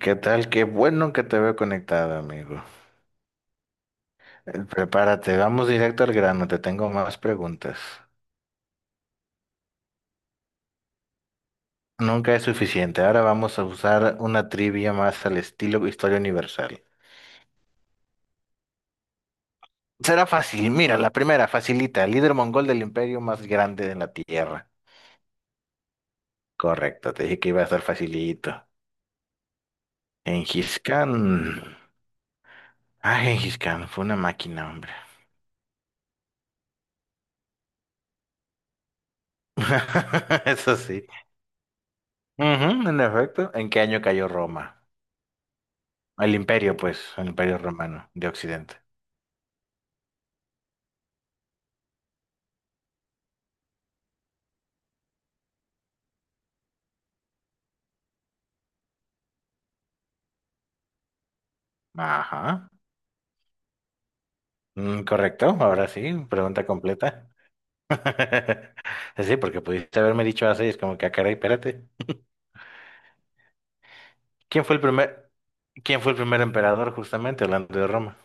¿Qué tal? Qué bueno que te veo conectado, amigo. Prepárate, vamos directo al grano, te tengo más preguntas. Nunca es suficiente, ahora vamos a usar una trivia más al estilo historia universal. Será fácil, mira, la primera, facilita, líder mongol del imperio más grande de la tierra. Correcto, te dije que iba a estar facilito. Gengis Khan. Ah, Gengis Khan, fue una máquina, hombre. Eso sí. Ujú, en efecto, ¿en qué año cayó Roma? El imperio, pues, el imperio romano de Occidente. Ajá. Mm, correcto, ahora sí, pregunta completa. Sí, porque pudiste haberme dicho así, es como que, ah, caray, espérate. ¿Quién fue el primer, ¿Quién fue el primer emperador, justamente, hablando de Roma?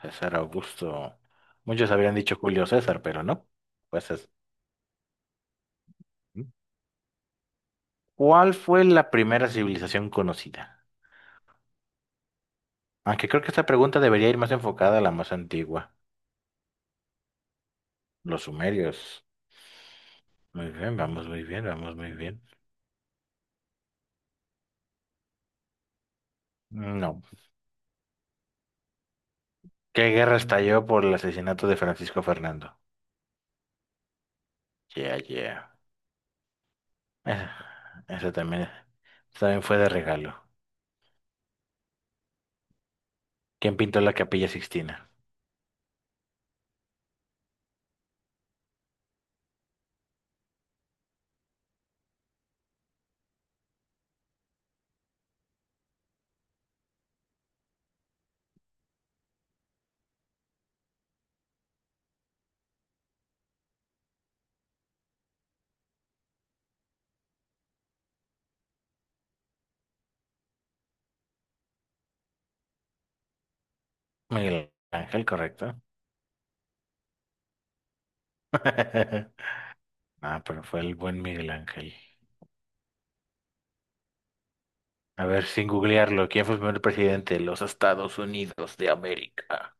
César Augusto. Muchos habrían dicho Julio César, pero no. Pues es. ¿No? ¿Cuál fue la primera civilización conocida? Aunque creo que esta pregunta debería ir más enfocada a la más antigua, los sumerios. Muy bien, vamos muy bien, vamos muy bien. No. ¿Qué guerra estalló por el asesinato de Francisco Fernando? Yeah, yeah. Esa también, esa también fue de regalo. ¿Quién pintó la Capilla Sixtina? Miguel Ángel, correcto. Ah, pero fue el buen Miguel Ángel. A ver, sin googlearlo, ¿quién fue el primer presidente de los Estados Unidos de América?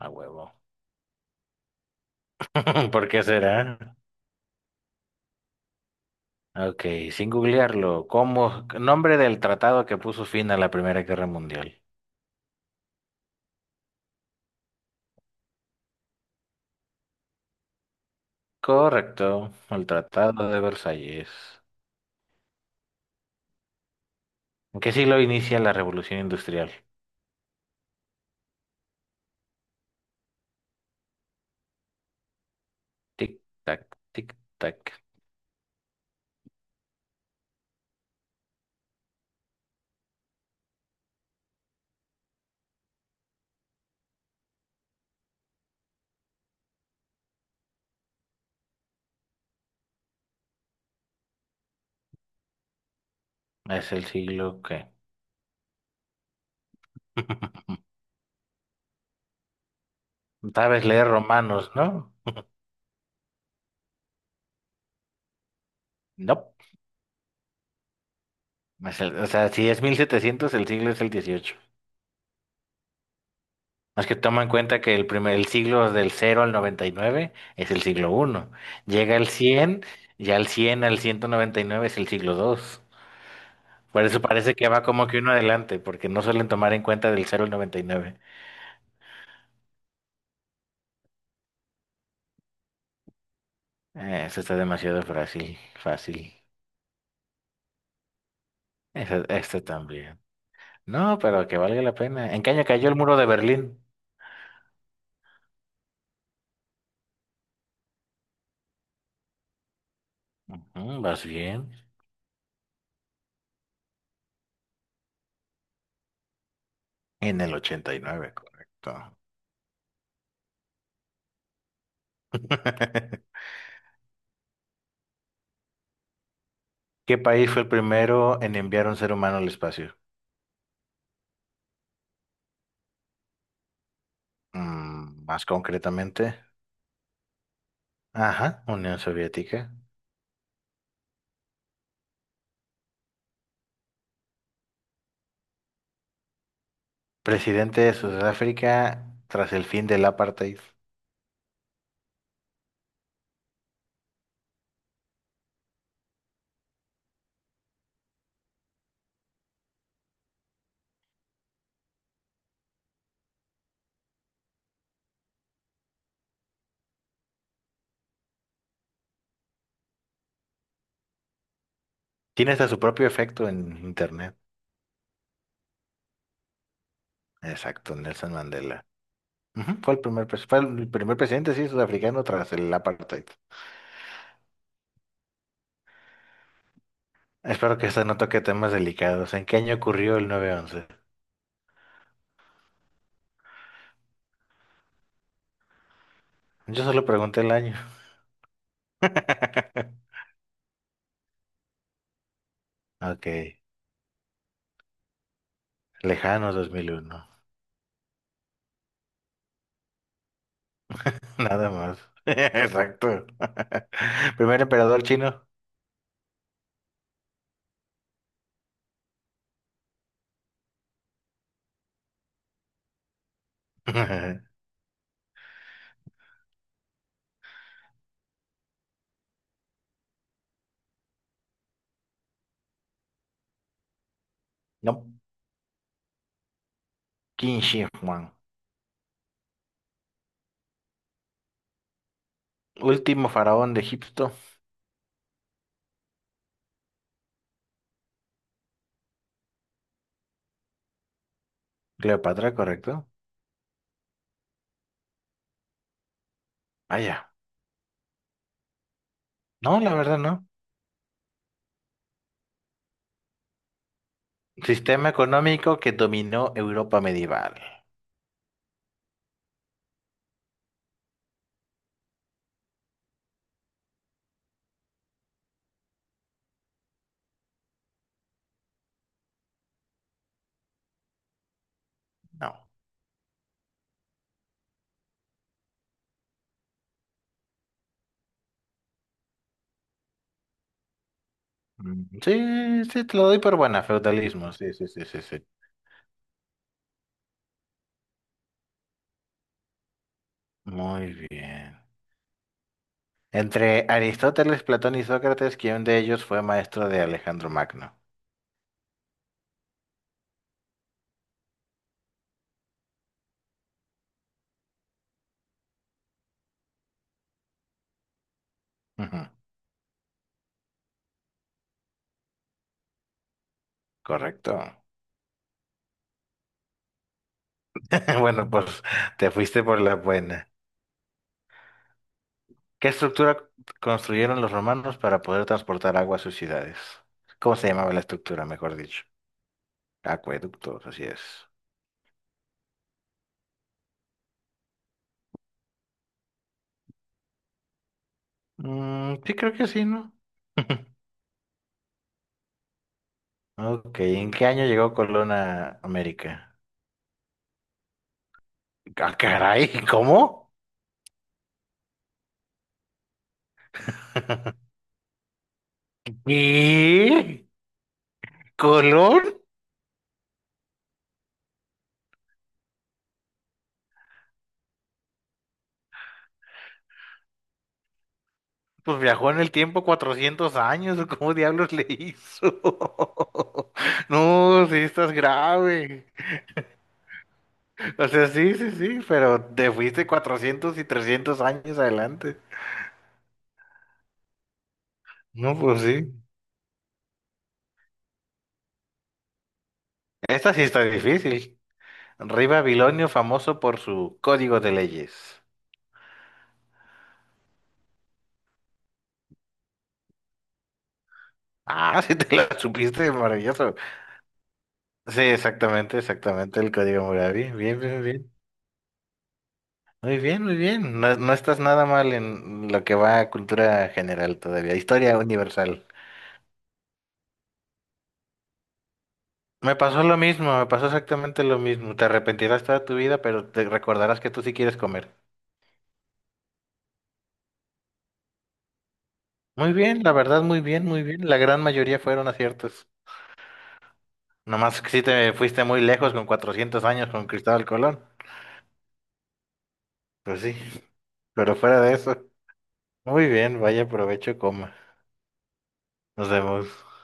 A huevo. ¿Por qué será? Ok, sin googlearlo, ¿cómo? Nombre del tratado que puso fin a la Primera Guerra Mundial. Correcto, el Tratado de Versalles. ¿En qué siglo inicia la revolución industrial? Tic, tac, tic, tac. Es el siglo que... Sabes leer romanos, ¿no? No. O sea, si es 1700, el siglo es el 18. Más que toma en cuenta que el siglo del 0 al 99 es el siglo 1. Llega al 100, ya al 100 al 199 es el siglo 2. Por eso parece que va como que uno adelante, porque no suelen tomar en cuenta del 0 al 99. Eso está demasiado fácil, fácil. Este, también. No, pero que valga la pena. ¿En qué año cayó el muro de Berlín? Ujú, vas bien. En el ochenta y nueve, correcto. ¿Qué país fue el primero en enviar un ser humano al espacio? Mm, más concretamente. Ajá, Unión Soviética. Presidente de Sudáfrica tras el fin del apartheid. Tiene hasta su propio efecto en Internet. Exacto, Nelson Mandela. Ujú, fue el fue el primer presidente, sí, sudafricano tras el apartheid. Espero que esta no toque temas delicados. ¿En qué año ocurrió el nueve once? Yo solo pregunté el año. Ok, lejano 2001. Nada más. Exacto. Primer emperador chino. No, Qin Shi Huang. Último faraón de Egipto. Cleopatra, ¿correcto? Ah, ya. No, la verdad no. Sistema económico que dominó Europa medieval. No. Mm, sí, sí, te lo doy por buena, feudalismo. Sí, sí, sí, sí, sí. Muy bien. Entre Aristóteles, Platón y Sócrates, ¿quién de ellos fue maestro de Alejandro Magno? Ujú, correcto. Bueno, pues te fuiste por la buena. ¿Qué estructura construyeron los romanos para poder transportar agua a sus ciudades? ¿Cómo se llamaba la estructura, mejor dicho? Acueductos, así es. Mm, sí, creo que sí, ¿no? Ok, ¿en qué año llegó Colón a América? Ah, caray, ¿cómo? ¿Y? ¿Colón? Pues viajó en el tiempo 400 años, ¿o cómo diablos le hizo? No, sí estás grave. O sea, sí, sí, sí, pero te fuiste 400 y 300 años adelante. No, pues sí. Esta sí está difícil. Rey Babilonio, famoso por su código de leyes. Ah, sí te la supiste, maravilloso. Sí, exactamente, exactamente el código Hammurabi. Bien, bien, bien. Muy bien, muy bien. No, no estás nada mal en lo que va a cultura general todavía, historia universal. Me pasó lo mismo, me pasó exactamente lo mismo. Te arrepentirás toda tu vida, pero te recordarás que tú sí quieres comer. Muy bien, la verdad, muy bien, muy bien. La gran mayoría fueron aciertos. Nomás que sí te fuiste muy lejos con 400 años con Cristóbal Colón. Pues sí, pero fuera de eso. Muy bien, vaya provecho, coma. Nos vemos.